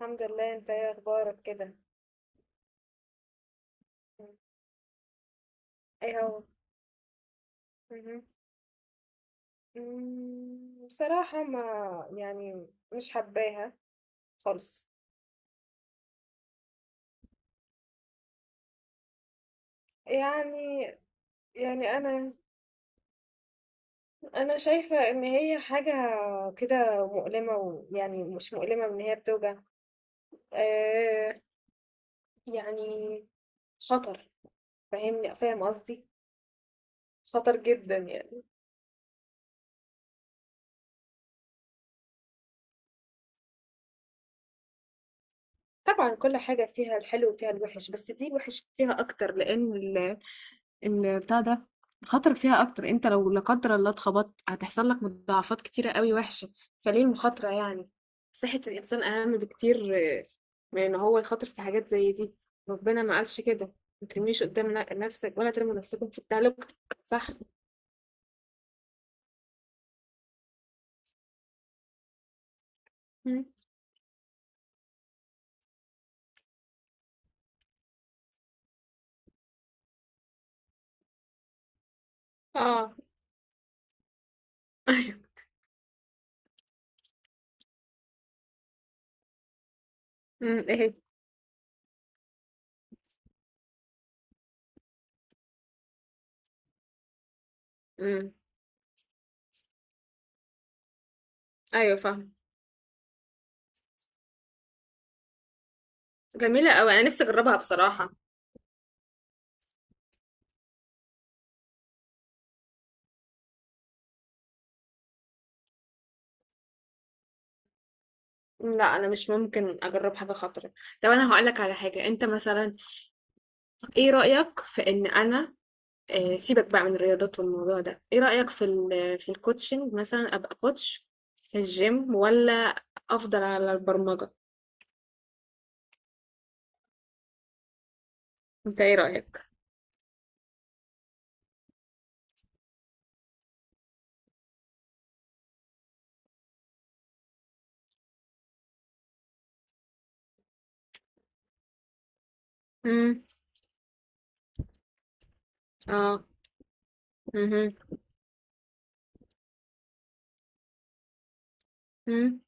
الحمد لله، انت ايه اخبارك كده؟ مم. ايه هو؟ مهم. بصراحة ما يعني مش حباها خالص. يعني يعني انا شايفة ان هي حاجة كده مؤلمة، ويعني مش مؤلمة ان هي بتوجع، آه يعني خطر. فاهم قصدي؟ خطر جدا يعني. طبعا كل حاجة فيها الحلو وفيها الوحش، بس دي الوحش فيها اكتر لان البتاع ده خاطرك فيها أكتر. أنت لو لا قدر الله اتخبطت، هتحصل لك مضاعفات كتيرة قوي وحشة. فليه المخاطرة يعني؟ صحة الإنسان أهم بكتير من إن هو يخاطر في حاجات زي دي. ربنا ما قالش كده. ما ترميش قدام نفسك، ولا ترموا نفسكم في التهلكة. صح. مم. اه. ايوه. مم، ايه؟ مم. ايوه، فاهم. جميلة أوي، أنا نفسي أجربها بصراحة. لا، أنا مش ممكن أجرب حاجة خطرة. طب أنا هقولك على حاجة. أنت مثلا، إيه رأيك في إن أنا سيبك بقى من الرياضات والموضوع ده. ايه رأيك في ال في الكوتشنج مثلا، ابقى كوتش في الجيم، ولا افضل على البرمجة؟ انت ايه رأيك؟ امم. اه. امم. امم.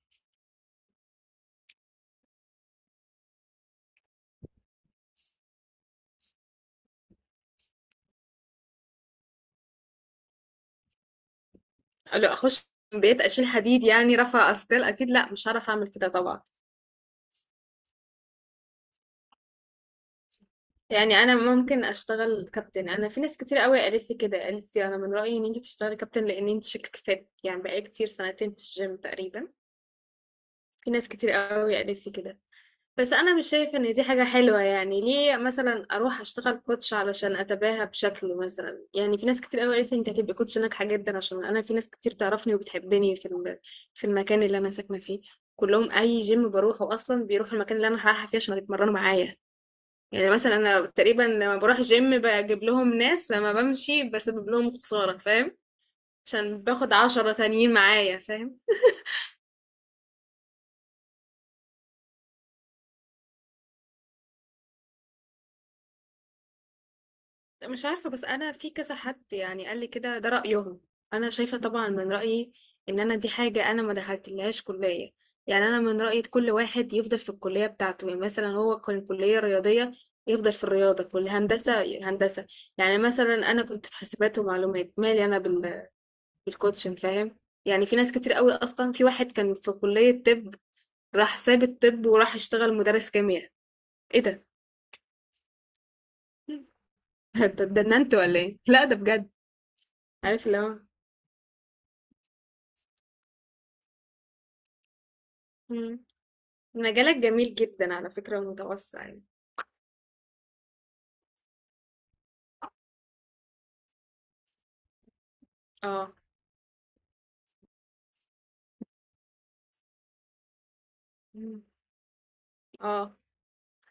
لو اخش بيت اشيل حديد، يعني رفع اثقال، اكيد لا، مش هعرف اعمل كده طبعا. يعني انا ممكن اشتغل كابتن. انا في ناس كتير قوي قالت لي كده، قالت لي انا من رأيي ان انت تشتغلي كابتن لان انت شكلك فات، يعني بقالي كتير سنتين في الجيم تقريبا. في ناس كتير قوي قالت لي كده. بس انا مش شايفه ان دي حاجه حلوه. يعني ليه مثلا اروح اشتغل كوتش علشان اتباهى بشكل مثلا؟ يعني في ناس كتير قوي قالت لي انت هتبقي كوتش ناجحه جدا، عشان انا في ناس كتير تعرفني وبتحبني في في المكان اللي انا ساكنه فيه، كلهم اي جيم بروحه اصلا بيروحوا المكان اللي انا رايحه فيه عشان يتمرنوا معايا. يعني مثلا انا تقريبا لما بروح جيم بجيب لهم ناس، لما بمشي بسبب لهم خساره، فاهم؟ عشان باخد 10 تانيين معايا، فاهم؟ مش عارفة، بس أنا في كذا حد يعني قال لي كده، ده رأيهم. أنا شايفة طبعا، من رأيي إن أنا دي حاجة أنا ما دخلتلهاش كلية. يعني أنا من رأيي كل واحد يفضل في الكلية بتاعته. يعني مثلا هو كان كلية رياضية، يفضل في الرياضة. كل هندسة هندسة. يعني مثلا أنا كنت في حاسبات ومعلومات، مالي أنا بالكوتشن، فاهم؟ يعني في ناس كتير قوي. أصلا في واحد كان في كلية طب، راح ساب الطب وراح اشتغل مدرس كيمياء. إيه ده؟ ده انت ولا إيه؟ لا ده بجد. عارف اللي هو. مم. مجالك جميل جدا على فكرة ومتوسع يعني. اه. مم. اه.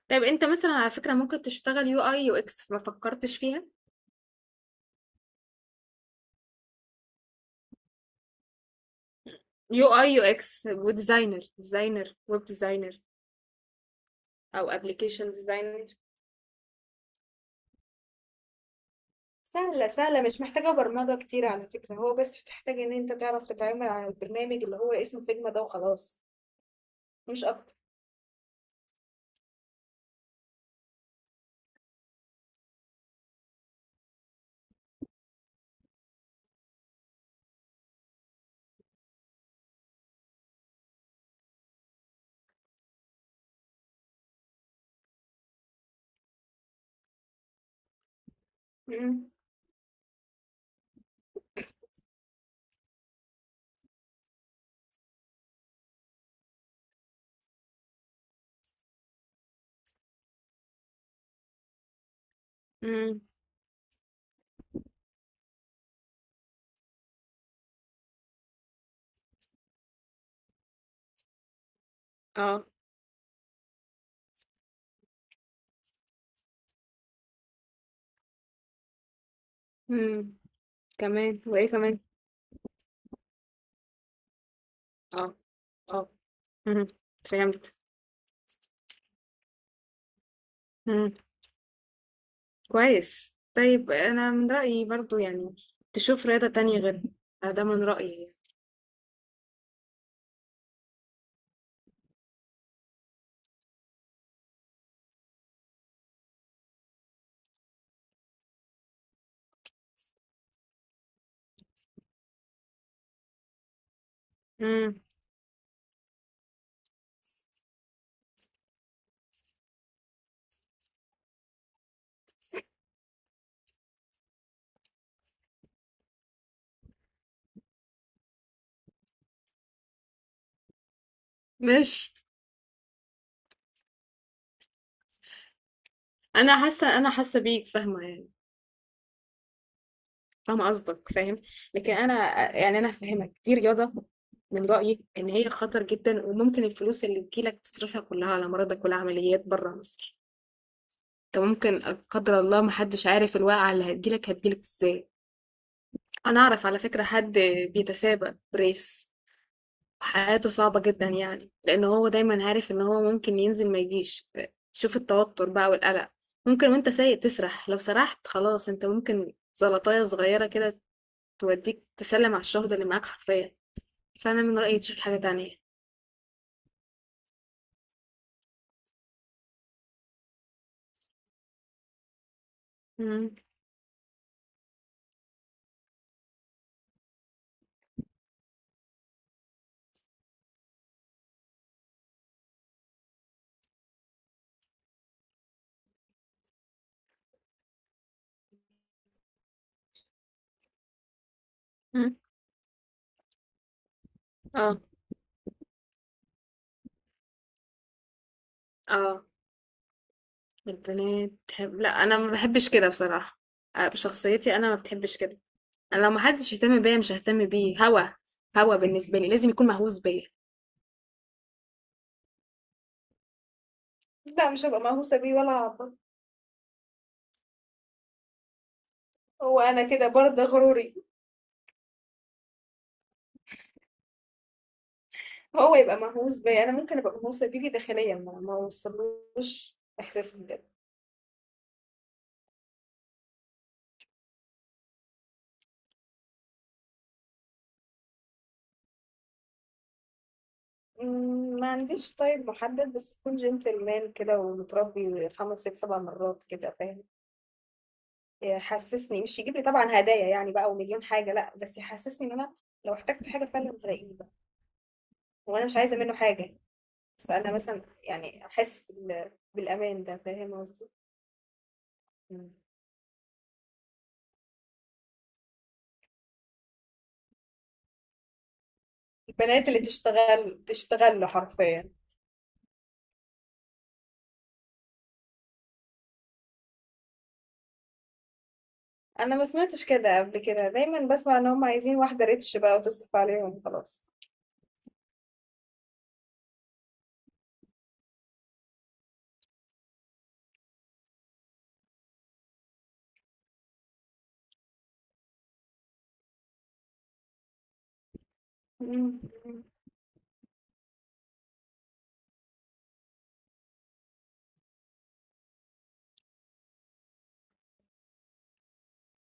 طيب انت مثلا على فكرة ممكن تشتغل UI UX، ما فكرتش فيها؟ UI UX، وديزاينر، ديزاينر، ويب ديزاينر او ابلكيشن ديزاينر. سهلة سهلة، مش محتاجة برمجة كتير على فكرة، هو بس محتاج ان انت تعرف تتعامل على البرنامج اللي هو اسمه فيجما ده، وخلاص، مش اكتر. امم. امم. اه. امم. كمان، وايه كمان؟ اه. اه. امم. فهمت. كويس. طيب انا من رأيي برضو، يعني تشوف رياضة تانية غيرها، ده من رأيي. امم. ماشي. انا حاسة بيك، فاهمة يعني، فاهمة قصدك، فاهم؟ لكن انا فاهمك، دي رياضة من رأيي ان هي خطر جدا، وممكن الفلوس اللي تجيلك تصرفها كلها على مرضك والعمليات بره مصر. انت ممكن لا قدر الله، محدش عارف الواقعة اللي هتجيلك ازاي. انا اعرف على فكرة حد بيتسابق بريس، حياته صعبة جدا، يعني لأن هو دايما عارف إن هو ممكن ينزل ما يجيش. شوف التوتر بقى والقلق. ممكن وانت سايق تسرح، لو سرحت خلاص، انت ممكن زلطاية صغيرة كده توديك تسلم على الشهداء اللي معاك حرفيا. فأنا من رأيي تشوف حاجة تانية. مم. مم. اه. اه. البنات تحب؟ لا، أنا ما بحبش كده بصراحة. بشخصيتي أنا ما بتحبش كده. أنا لو محدش يهتم بيا، مش ههتم بيه هوا. هوا بالنسبة لي لازم يكون مهووس بيا. لا، مش هبقى مهووسة بيه ولا هعبط. هو أنا كده برضه غروري. هو يبقى مهووس بيا، أنا ممكن أبقى مهووسة بيه داخليا، ما أوصلوش إحساسي بجد. ما عنديش طيب محدد، بس يكون جنتلمان كده ومتربي، 5 6 7 مرات كده، فاهم؟ يحسسني، مش يجيب لي طبعا هدايا يعني بقى ومليون حاجة، لا، بس يحسسني إن أنا لو احتجت حاجة فعلا هلاقيه بقى. وأنا مش عايزة منه حاجة، بس أنا مثلا يعني أحس بالأمان، ده فاهم قصدي؟ مم. البنات اللي تشتغل تشتغل له حرفيا. انا ما سمعتش كده قبل كده، دايما بسمع ان هم عايزين واحده ريتش بقى وتصرف عليهم خلاص. مم.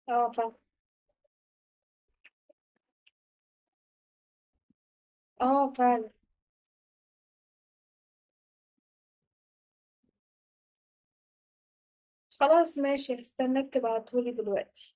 اه فعلا. اه فعلا. خلاص ماشي، هستناك تبعتهولي دلوقتي.